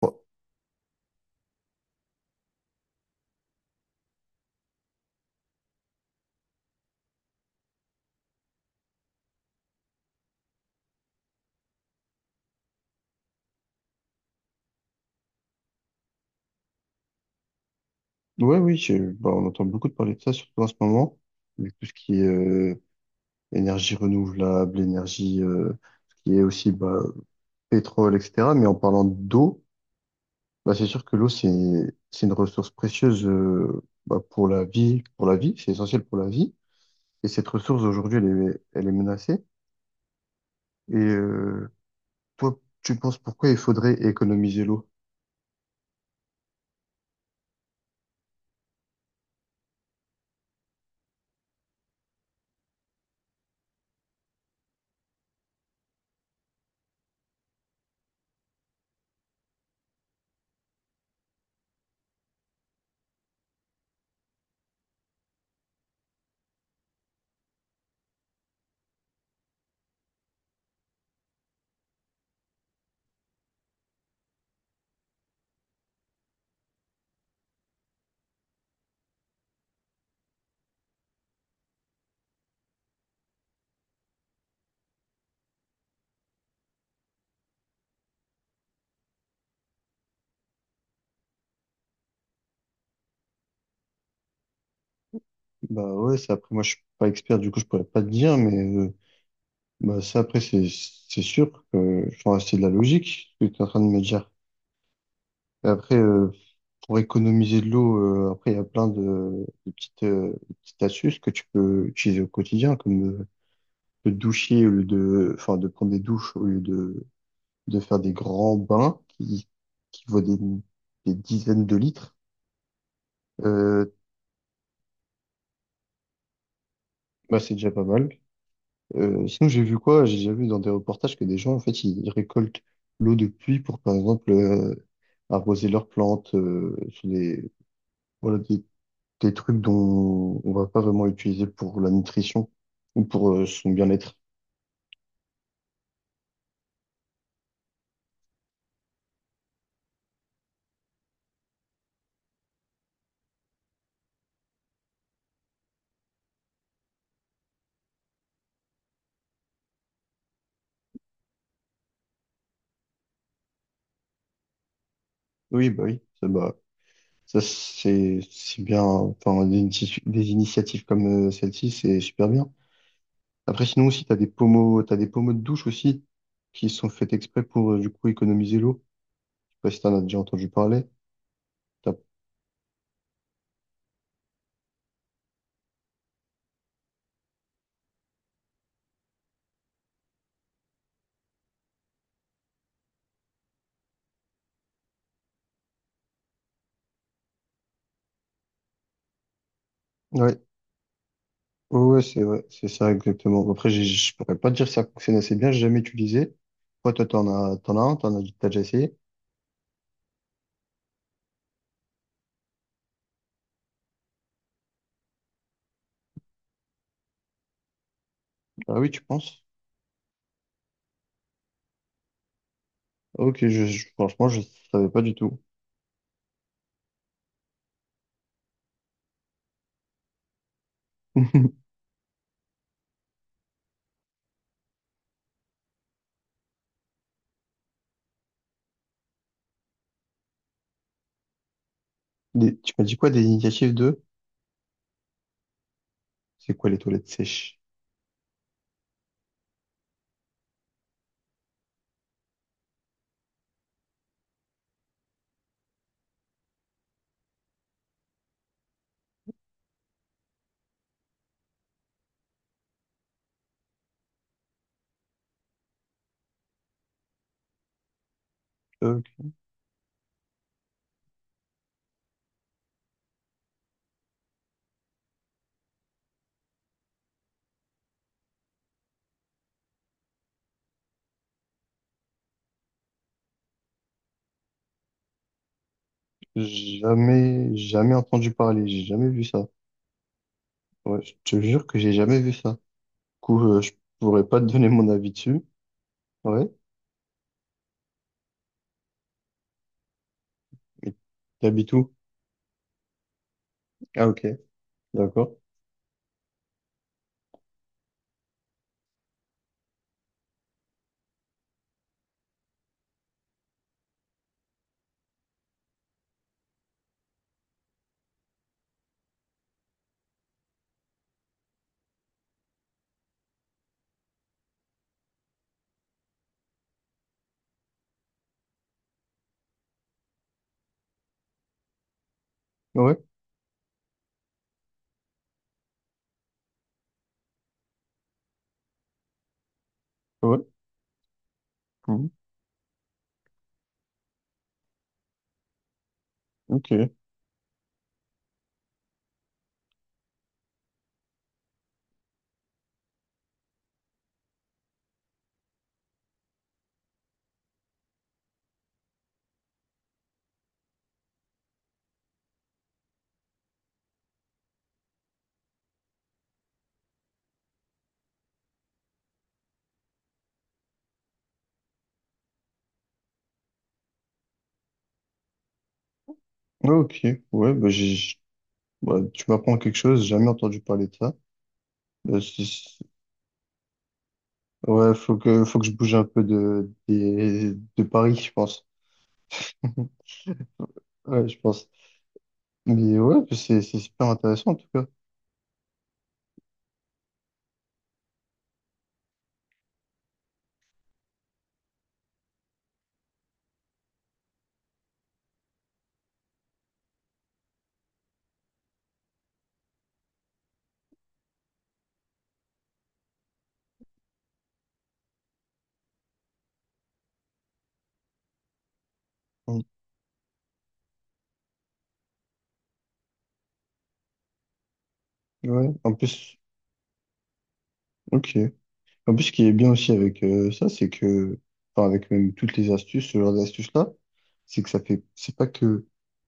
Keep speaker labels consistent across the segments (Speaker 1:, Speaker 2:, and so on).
Speaker 1: Bon, ouais, oui, on entend beaucoup de parler de ça, surtout en ce moment, avec tout ce qui est énergie renouvelable, ce qui est aussi pétrole, etc. Mais en parlant d'eau, bah, c'est sûr que c'est une ressource précieuse bah, pour la vie, c'est essentiel pour la vie. Et cette ressource, aujourd'hui, elle est menacée. Et euh, Toi, tu penses pourquoi il faudrait économiser l'eau? Bah ouais, c'est après, moi, je suis pas expert, du coup, je pourrais pas te dire, mais... bah, c'est sûr que enfin, c'est de la logique ce que tu es en train de me dire. Et après, pour économiser de l'eau, après, il y a plein de petites astuces que tu peux utiliser au quotidien, comme de doucher au lieu de, enfin, de prendre des douches au lieu de faire des grands qui vaut des dizaines de litres. Euh, Bah, c'est déjà pas mal. Sinon, j'ai vu quoi? J'ai déjà vu dans des reportages que des gens, en fait, ils récoltent l'eau de pluie pour, par exemple, arroser leurs plantes, sur voilà, des trucs dont on va pas vraiment utiliser pour la nutrition ou pour son bien-être. Oui, bah oui, ça, bah, ça c'est bien. Enfin, des initiatives comme celle-ci, c'est super bien. Après, sinon aussi, t'as des pommeaux de douche aussi qui sont faits exprès pour, du coup, économiser l'eau. Je sais pas si t'en as déjà entendu parler. T'as- ouais, ouais, ouais, c'est ça exactement. Après, j'ai- je pourrais pas te dire que ça fonctionne assez bien, j'ai jamais utilisé. Toi, t'as déjà essayé? Ah oui, tu penses? Ok, franchement, je savais pas du tout. Des- tu m'as dit quoi des initiatives de? C'est quoi les toilettes sèches? Euh, jamais entendu parler, j'ai jamais vu ça. Ouais, je te jure que j'ai jamais vu ça. Du coup, je pourrais pas te donner mon avis dessus. Ouais, mais t'habites où? Ah ok, d'accord. Ouais, ouais. Mhm. Ok, ok, ouais, bah, j'ai ouais, tu m'apprends quelque chose, j'ai jamais entendu parler de ça. Euh, c'est- c'est- ouais, faut que je bouge un peu de Paris, je pense. Ouais, je pense. Mais ouais, c'est super intéressant en tout cas. Mm. Ouais, en plus, ok. En plus, ce qui est bien aussi avec ça, enfin, avec même toutes les astuces, ce genre d'astuces-là, c'est que ça fait, c'est pas que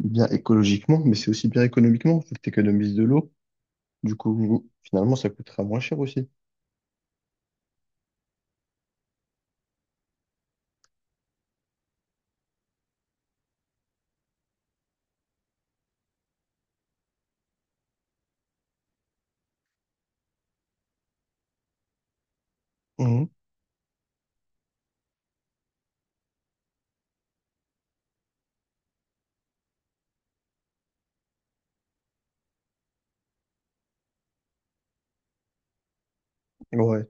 Speaker 1: bien écologiquement, mais c'est aussi bien économiquement. Faut que t'économises de l'eau. Du coup, finalement, ça coûtera moins cher aussi. Mhm. Ouais,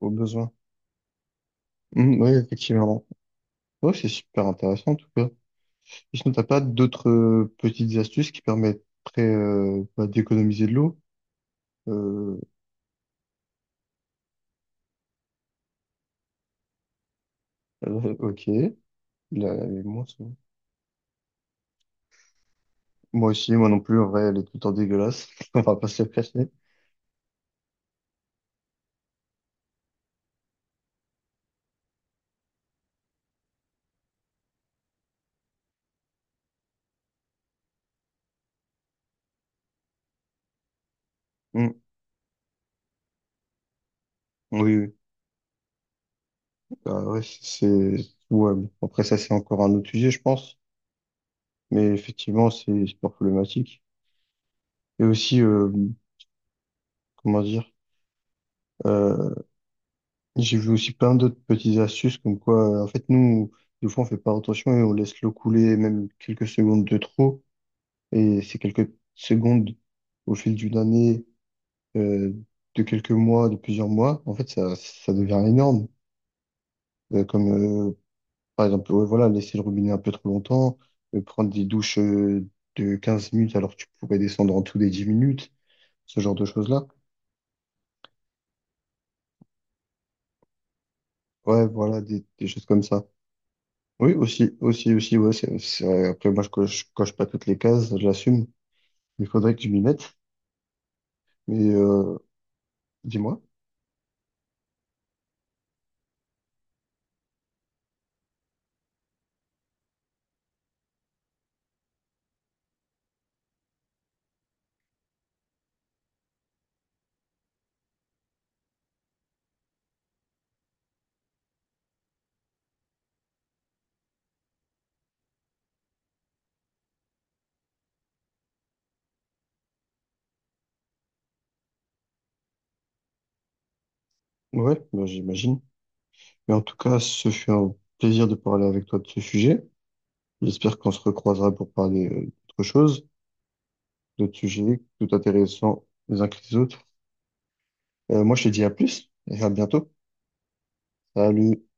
Speaker 1: au besoin. Mhm, ouais, effectivement. Ouais, c'est super intéressant en tout cas. Et sinon, t'as pas d'autres petites astuces qui permettraient bah, d'économiser de l'eau? Euh, ok. Là, moi, ça- moi aussi, moi non plus, en vrai, elle est tout le temps dégueulasse. On va pas se le cacher. Mm. Oui, oui. Bah, ouais, c'est... Ouais, bon. Après, ça, c'est encore un autre sujet, je pense. Mais effectivement, c'est super problématique. Et aussi, comment dire? euh, J'ai vu aussi plein d'autres petites astuces comme quoi, en fait, nous, des fois, on fait pas attention et on laisse l'eau couler même quelques secondes de trop. Et ces quelques secondes, au fil d'une année, euh, de quelques mois, de plusieurs mois, en fait, ça devient énorme. Euh, comme, euh, Par exemple, ouais, voilà, laisser le robinet un peu trop longtemps, prendre des douches, de 15 minutes alors que tu pourrais descendre en tout des 10 minutes, ce genre de choses-là. Ouais, voilà, des choses comme ça. Oui, aussi, aussi, aussi, ouais, c'est vrai. Après, moi, coche pas toutes les cases, je l'assume. Il faudrait que je m'y mette. Mais dis-moi. Ouais, bah, j'imagine. Mais en tout cas, ce fut un plaisir de parler avec toi de ce sujet. J'espère qu'on se recroisera pour parler d'autres choses, d'autres sujets tout intéressants les uns que les autres. Moi, je te dis à plus et à bientôt. Salut.